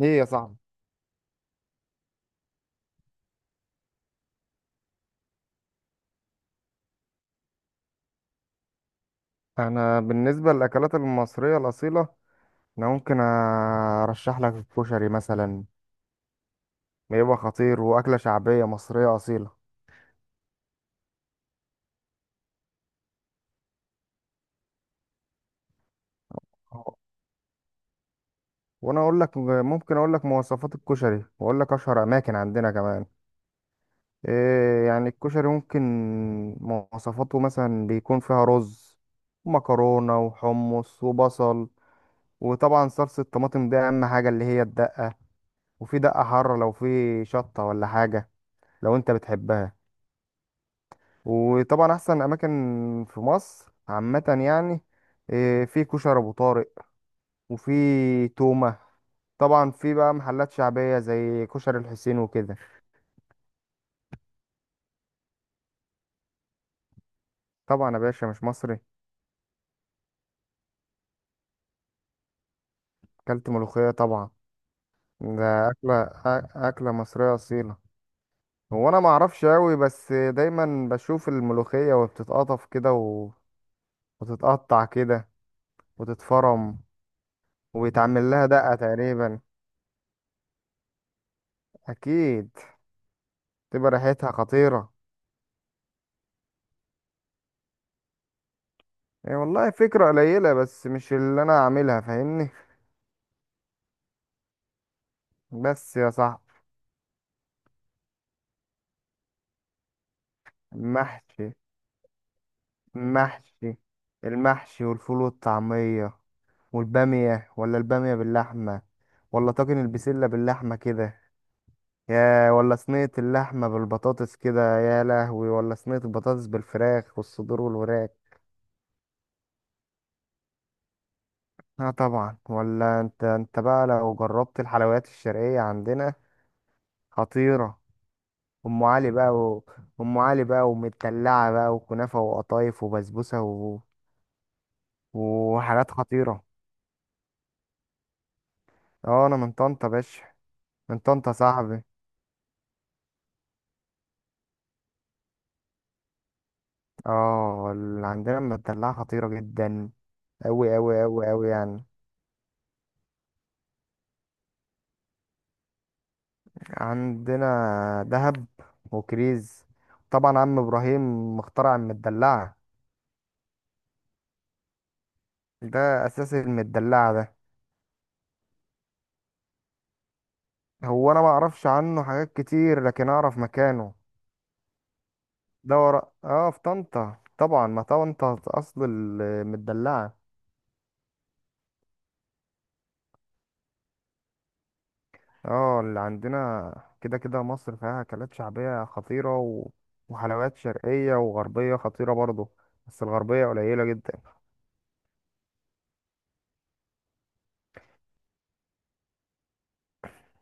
ايه يا صاحبي. انا بالنسبه للاكلات المصريه الاصيله، انا ممكن ارشح لك الكشري مثلا. بيبقى خطير، واكله شعبيه مصريه اصيله. آه. وانا اقول لك، ممكن اقول لك مواصفات الكشري واقول لك اشهر اماكن عندنا كمان. إيه، يعني الكشري ممكن مواصفاته مثلا بيكون فيها رز ومكرونه وحمص وبصل، وطبعا صلصه الطماطم دي اهم حاجه، اللي هي الدقه. وفي دقه حاره لو في شطه ولا حاجه، لو انت بتحبها. وطبعا احسن اماكن في مصر عامه يعني إيه، في كشري ابو طارق، وفي تومه. طبعا في بقى محلات شعبيه زي كشري الحسين وكده. طبعا يا باشا، مش مصري؟ اكلت ملوخيه طبعا. ده اكله مصريه اصيله. هو انا ما اعرفش قوي، بس دايما بشوف الملوخيه وبتتقطف كده وتتقطع كده، وتتفرم. ويتعمل لها دقه تقريبا، اكيد. تبقى ريحتها خطيره. هي والله فكرة قليلة، بس مش اللي أنا عاملها، فاهمني. بس يا صاحبي، المحشي المحشي المحشي، والفول والطعمية، والبامية، ولا البامية باللحمة، ولا طاجن البسلة باللحمة كده، يا ولا صينية اللحمة بالبطاطس كده، يا لهوي، ولا صينية البطاطس بالفراخ والصدور والوراك. اه طبعا. ولا انت بقى لو جربت الحلويات الشرقية عندنا خطيرة. ام علي بقى و... ام علي بقى ومدلعه بقى وكنافه وقطايف وبسبوسه وحاجات خطيره. اه انا من طنطا باشا. من طنطا صاحبي. اه اللي عندنا المدلعه خطيره جدا. اوي اوي اوي اوي يعني. عندنا دهب وكريز، طبعا عم ابراهيم مخترع المدلعه. ده اساس المدلعه ده. هو انا ما اعرفش عنه حاجات كتير، لكن اعرف مكانه. دورة اه في طنطا طبعا، ما طنطا اصل المدلعة. اه اللي عندنا كده كده، مصر فيها اكلات شعبية خطيرة، و... وحلويات شرقية وغربية خطيرة برضو. بس الغربية قليلة جدا.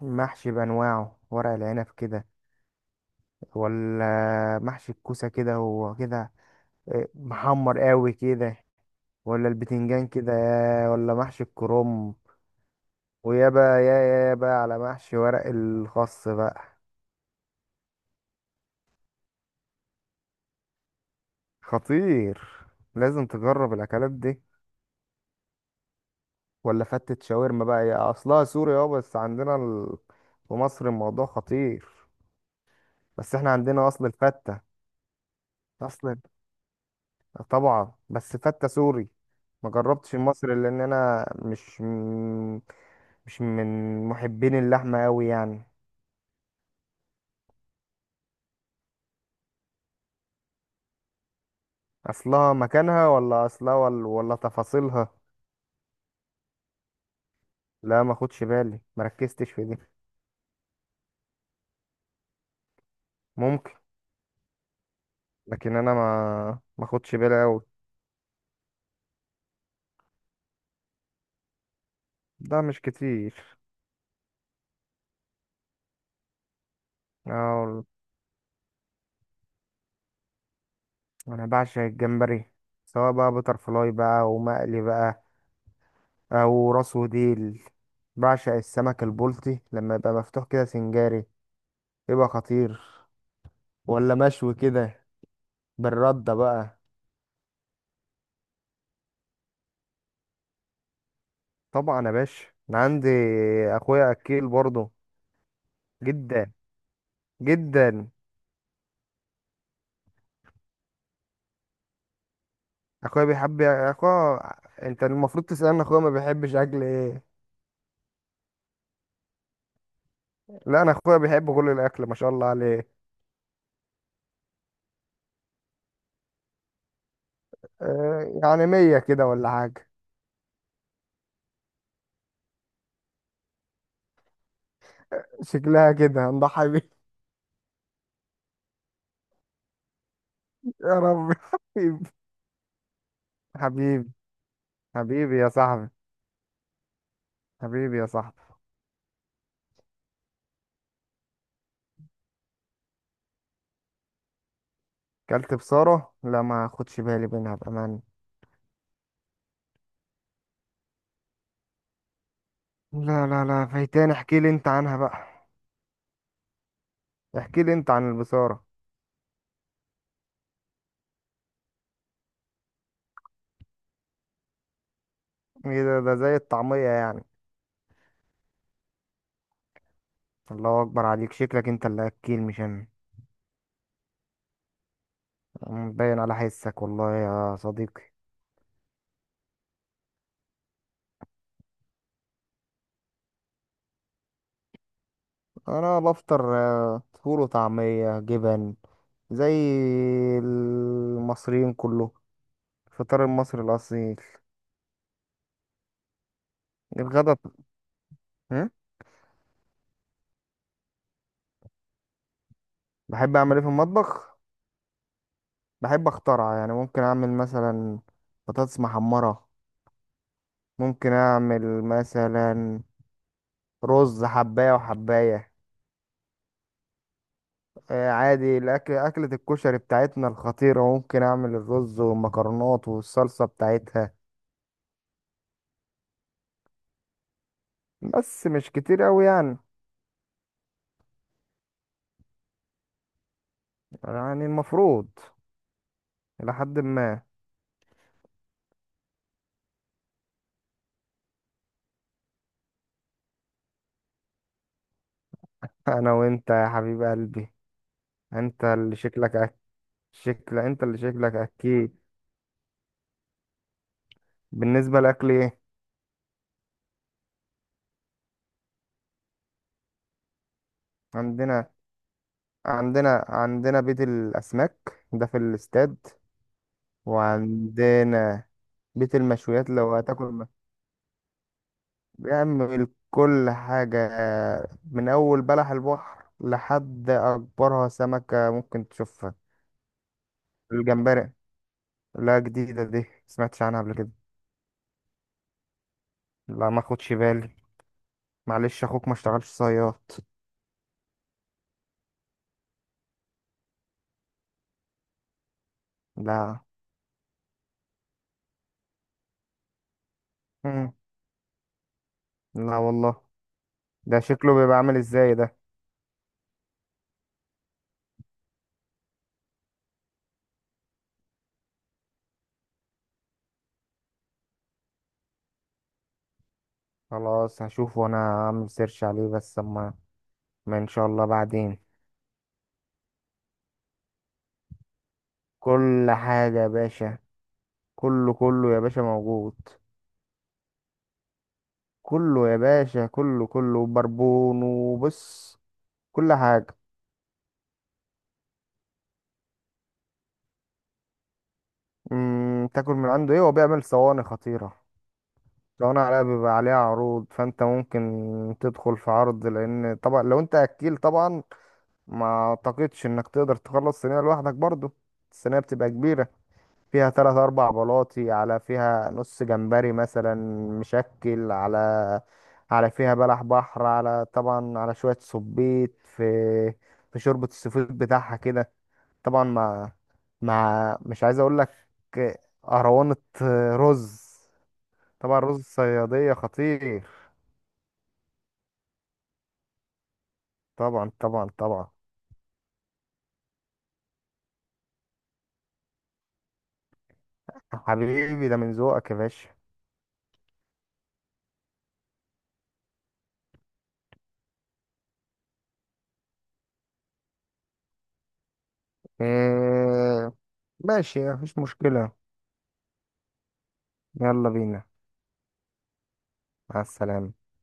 محشي بأنواعه، ورق العنب كده، ولا محشي الكوسة كده وكده. إيه، محمر قوي كده، ولا البتنجان كده، ولا محشي الكرنب. ويا بقى يا بقى على محشي ورق الخاص بقى. خطير، لازم تجرب الاكلات دي. ولا فتة شاورما، بقى هي اصلها سوري، اه بس عندنا في مصر الموضوع خطير. بس احنا عندنا اصل الفتة. اصل. طبعا بس فتة سوري. ما جربتش المصري، لان انا مش من محبين اللحمة قوي يعني. اصلها مكانها، ولا اصلها، ولا تفاصيلها. لا ما خدش بالي، ما ركزتش في دي. ممكن، لكن انا ما خدش بالي قوي. ده مش كتير. اه والله. انا بعشق الجمبري، سواء بقى بتر فلاي بقى ومقلي بقى، او راس وديل. بعشق السمك البلطي لما يبقى مفتوح كده سنجاري، يبقى خطير، ولا مشوي كده بالردة بقى. طبعا يا باشا، انا عندي اخويا اكيل برضه. جدا جدا. اخويا بيحب اخويا، انت المفروض تسألني اخويا ما بيحبش اكل ايه. لا، انا اخويا بيحب كل الاكل، ما شاء الله عليه. آه، يعني مية كده ولا حاجة. شكلها كده هنضحي بيه. يا رب حبيبي. حبيبي. حبيبي يا صاحبي. حبيبي يا صاحبي. كلت بصارة؟ لا ما اخدش بالي منها بأمان. لا لا لا، فايتاني، احكي لي انت عنها بقى. احكي لي انت عن البصارة. ايه ده؟ ده زي الطعمية يعني. الله اكبر عليك، شكلك انت اللي اكيل مش انا. باين على حسك والله يا صديقي. انا بفطر فول وطعمية جبن، زي المصريين كله. الفطار المصري الاصيل. الغدا ب- هم؟ بحب اعمل ايه في المطبخ؟ بحب اخترع، يعني ممكن اعمل مثلا بطاطس محمرة، ممكن اعمل مثلا رز حباية وحباية. آه، عادي الاكل، اكلة الكشري بتاعتنا الخطيرة، ممكن اعمل الرز والمكرونات والصلصة بتاعتها. بس مش كتير اوي يعني، يعني المفروض الى حد ما. انا وانت يا حبيب قلبي. انت اللي شكلك أك... شكل، انت اللي شكلك اكيد. بالنسبة لاكل ايه؟ عندنا، عندنا بيت الاسماك، ده في الاستاد. وعندنا بيت المشويات، بيعمل كل حاجة، من أول بلح البحر لحد أكبرها سمكة ممكن تشوفها. الجمبري. لا، جديدة دي، سمعتش عنها قبل كده. لا ما خدش بالي، معلش أخوك ما اشتغلش صياد. لا. مم. لا والله. ده شكله بيبقى عامل ازاي ده؟ خلاص هشوفه، انا هعمل سيرش عليه بس اما، ما ان شاء الله بعدين. كل حاجة يا باشا. كله كله يا باشا، موجود. كله يا باشا، كله كله، بربون وبص. كل حاجة. تاكل من عنده ايه؟ هو بيعمل صواني خطيرة. صواني عليها، بيبقى عليها عروض، فانت ممكن تدخل في عرض، لان طبعا لو انت اكيل طبعا، ما اعتقدش انك تقدر تخلص صينية لوحدك برضو. الصينية بتبقى كبيرة، فيها تلات اربع بلاطي، على فيها نص جمبري مثلا مشكل، على فيها بلح بحر، على طبعا على شوية صبيط، في شوربة السفود بتاعها كده، طبعا مع مش عايز اقول لك، اهرونة، رز. طبعا رز الصيادية خطير. طبعا طبعا طبعا. حبيبي، ده من ذوقك يا باشا. إيه، ماشي، مفيش مشكلة. يلا بينا. مع السلامة.